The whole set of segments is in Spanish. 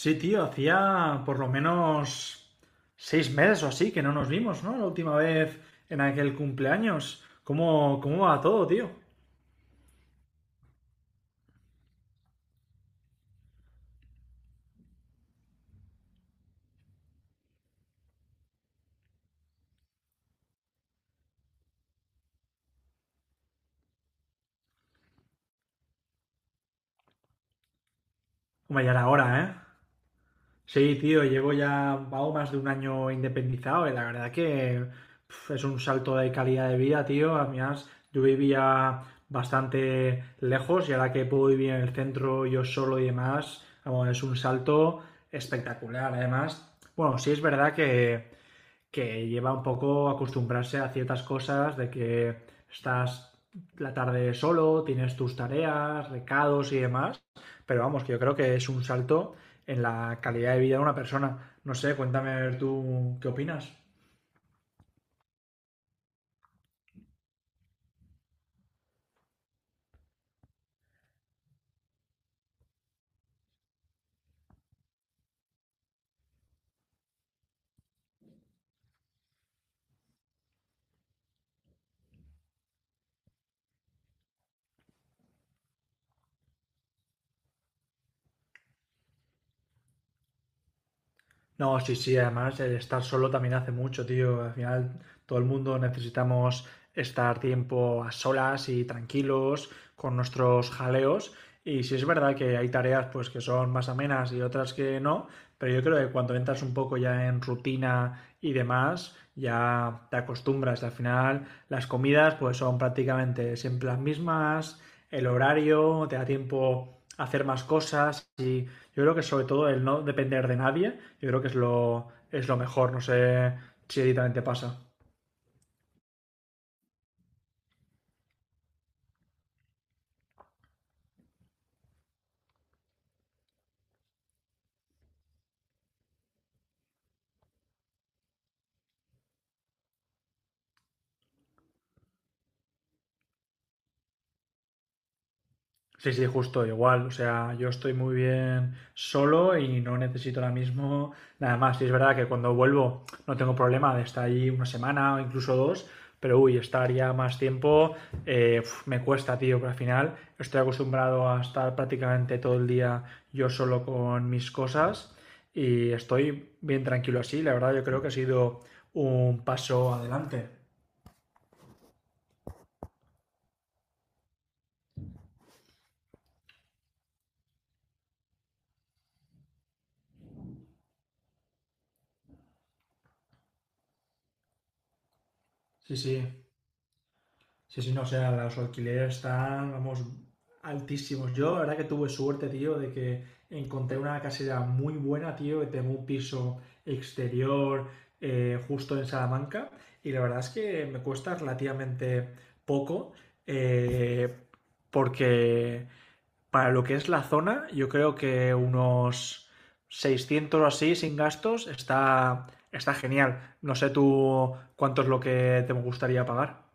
Sí, tío, hacía por lo menos 6 meses o así que no nos vimos, ¿no? La última vez en aquel cumpleaños. ¿Cómo va todo, tío? Hombre, ya era hora, ¿eh? Sí, tío, llevo ya vago más de un año independizado y la verdad que es un salto de calidad de vida, tío. Además, yo vivía bastante lejos y ahora que puedo vivir en el centro yo solo y demás, vamos, es un salto espectacular. Además, bueno, sí es verdad que lleva un poco a acostumbrarse a ciertas cosas de que estás la tarde solo, tienes tus tareas, recados y demás, pero vamos, que yo creo que es un salto en la calidad de vida de una persona. No sé, cuéntame tú qué opinas. No, sí, sí, además el estar solo también hace mucho, tío. Al final todo el mundo necesitamos estar tiempo a solas y tranquilos con nuestros jaleos. Y sí es verdad que hay tareas pues que son más amenas y otras que no, pero yo creo que cuando entras un poco ya en rutina y demás, ya te acostumbras. Al final las comidas pues son prácticamente siempre las mismas, el horario, te da tiempo a hacer más cosas. Y yo creo que sobre todo el no depender de nadie, yo creo que es lo mejor. No sé si a pasa. Sí, sí, justo igual. O sea, yo estoy muy bien solo y no necesito ahora mismo nada más. Y es verdad que cuando vuelvo no tengo problema de estar ahí una semana o incluso dos, pero uy, estar ya más tiempo uf, me cuesta, tío, porque al final estoy acostumbrado a estar prácticamente todo el día yo solo con mis cosas y estoy bien tranquilo así. La verdad, yo creo que ha sido un paso adelante. Sí, sí. Sí, sí, no, o sea, los alquileres están, vamos, altísimos. Yo, la verdad que tuve suerte, tío, de que encontré una casera muy buena, tío, que tengo un piso exterior, justo en Salamanca, y la verdad es que me cuesta relativamente poco, eh, porque para lo que es la zona, yo creo que unos 600 o así sin gastos está, está genial. No sé tú cuánto es lo que te gustaría pagar.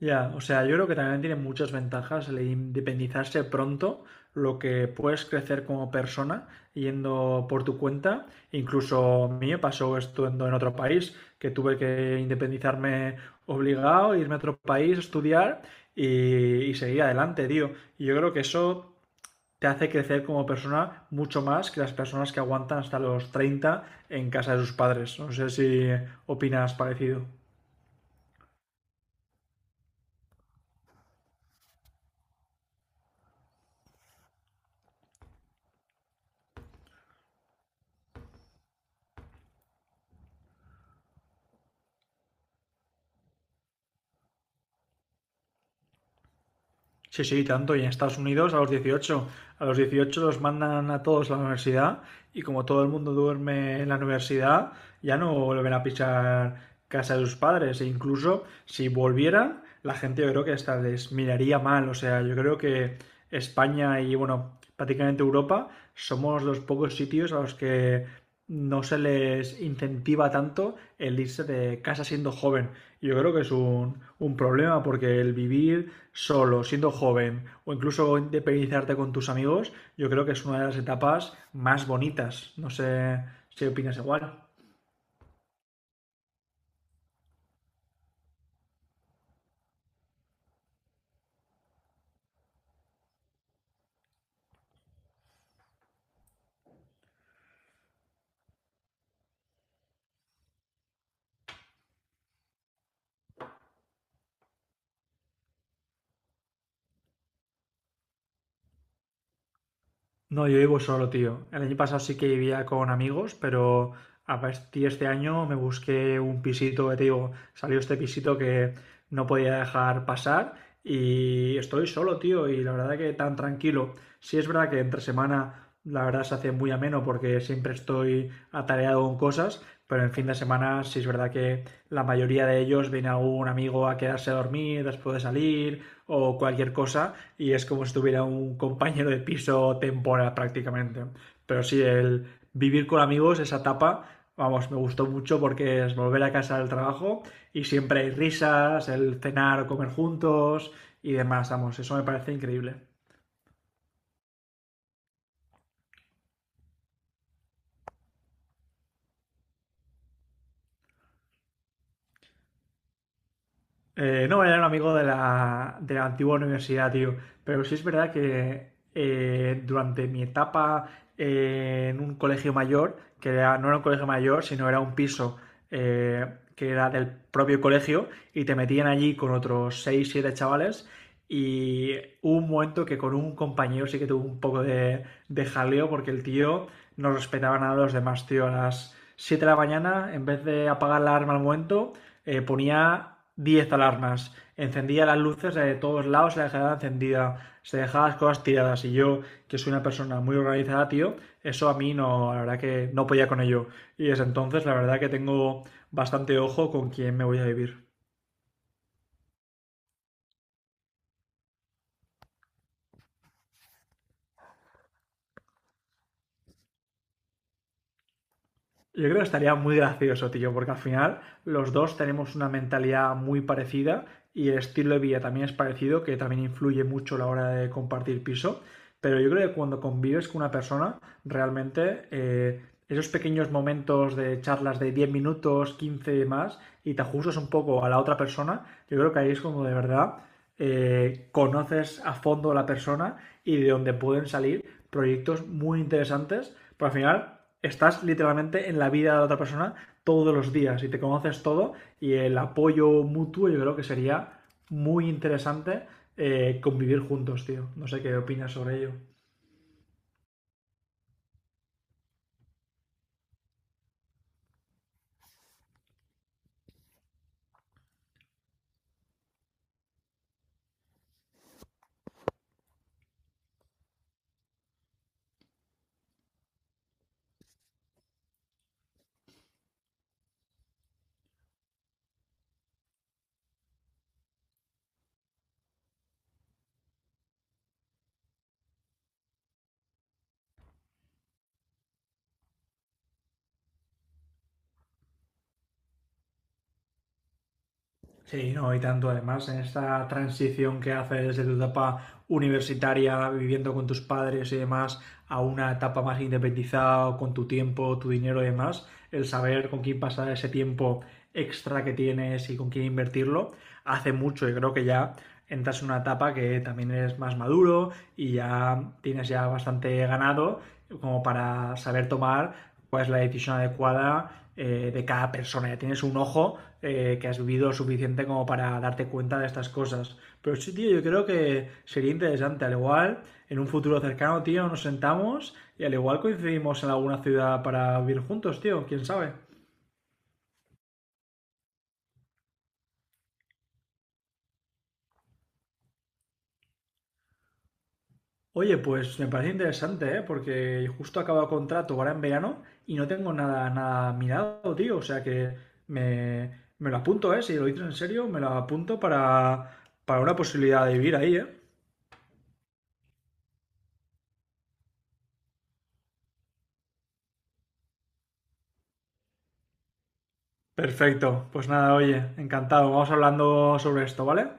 Ya, o sea, yo creo que también tiene muchas ventajas el independizarse pronto, lo que puedes crecer como persona yendo por tu cuenta. Incluso a mí me pasó esto en otro país, que tuve que independizarme obligado, irme a otro país, estudiar y, y seguir adelante, tío. Y yo creo que eso te hace crecer como persona mucho más que las personas que aguantan hasta los 30 en casa de sus padres. No sé si opinas parecido. Sí, sí, tanto. Y en Estados Unidos a los 18 los mandan a todos a la universidad, y como todo el mundo duerme en la universidad, ya no vuelven a pisar casa de sus padres. E incluso si volvieran, la gente yo creo que hasta les miraría mal. O sea, yo creo que España y, bueno, prácticamente Europa somos los pocos sitios a los que no se les incentiva tanto el irse de casa siendo joven. Y yo creo que es un problema, porque el vivir solo, siendo joven, o incluso independizarte con tus amigos, yo creo que es una de las etapas más bonitas. No sé si opinas igual. No, yo vivo solo, tío. El año pasado sí que vivía con amigos, pero a partir de este año me busqué un pisito, que te digo, salió este pisito que no podía dejar pasar, y estoy solo, tío, y la verdad que tan tranquilo. Sí es verdad que entre semana la verdad se hace muy ameno porque siempre estoy atareado con cosas, pero en fin de semana sí es verdad que la mayoría de ellos viene algún amigo a quedarse a dormir después de salir o cualquier cosa, y es como si tuviera un compañero de piso temporal prácticamente. Pero sí, el vivir con amigos, esa etapa, vamos, me gustó mucho, porque es volver a casa del trabajo y siempre hay risas, el cenar o comer juntos y demás, vamos, eso me parece increíble. No, era un amigo de la antigua universidad, tío. Pero sí es verdad que, durante mi etapa en un colegio mayor, que no era un colegio mayor, sino era un piso eh, que era del propio colegio, y te metían allí con otros 6, 7 chavales. Y hubo un momento que con un compañero sí que tuvo un poco de jaleo, porque el tío no respetaba nada a los demás, tío. A las 7 de la mañana, en vez de apagar la alarma al momento, ponía 10 alarmas, encendía las luces de todos lados, se dejaba encendida, se dejaba las cosas tiradas. Y yo, que soy una persona muy organizada, tío, eso a mí no, la verdad que no podía con ello. Y desde entonces, la verdad que tengo bastante ojo con quién me voy a vivir. Yo creo que estaría muy gracioso, tío, porque al final los dos tenemos una mentalidad muy parecida, y el estilo de vida también es parecido, que también influye mucho a la hora de compartir piso. Pero yo creo que cuando convives con una persona, realmente, esos pequeños momentos de charlas de 10 minutos, 15 y más, y te ajustas un poco a la otra persona, yo creo que ahí es como de verdad conoces a fondo a la persona, y de donde pueden salir proyectos muy interesantes, pero al final estás literalmente en la vida de la otra persona todos los días y te conoces todo, y el apoyo mutuo yo creo que sería muy interesante, convivir juntos, tío. No sé qué opinas sobre ello. Sí, no, y tanto, además en esta transición que haces de tu etapa universitaria, viviendo con tus padres y demás, a una etapa más independizada, con tu tiempo, tu dinero y demás, el saber con quién pasar ese tiempo extra que tienes y con quién invertirlo, hace mucho, y creo que ya entras en una etapa que también eres más maduro y ya tienes ya bastante ganado como para saber tomar cuál es la decisión adecuada, de cada persona. Ya tienes un ojo, que has vivido suficiente como para darte cuenta de estas cosas. Pero sí, tío, yo creo que sería interesante. Al igual, en un futuro cercano, tío, nos sentamos y al igual coincidimos en alguna ciudad para vivir juntos, tío. ¿Quién sabe? Oye, pues me parece interesante, ¿eh? Porque justo acabo contrato ahora en verano y no tengo nada, nada mirado, tío. O sea que me, me lo apunto, ¿eh? Si lo dices en serio, me lo apunto para una posibilidad de vivir ahí, ¿eh? Perfecto. Pues nada, oye, encantado. Vamos hablando sobre esto, ¿vale?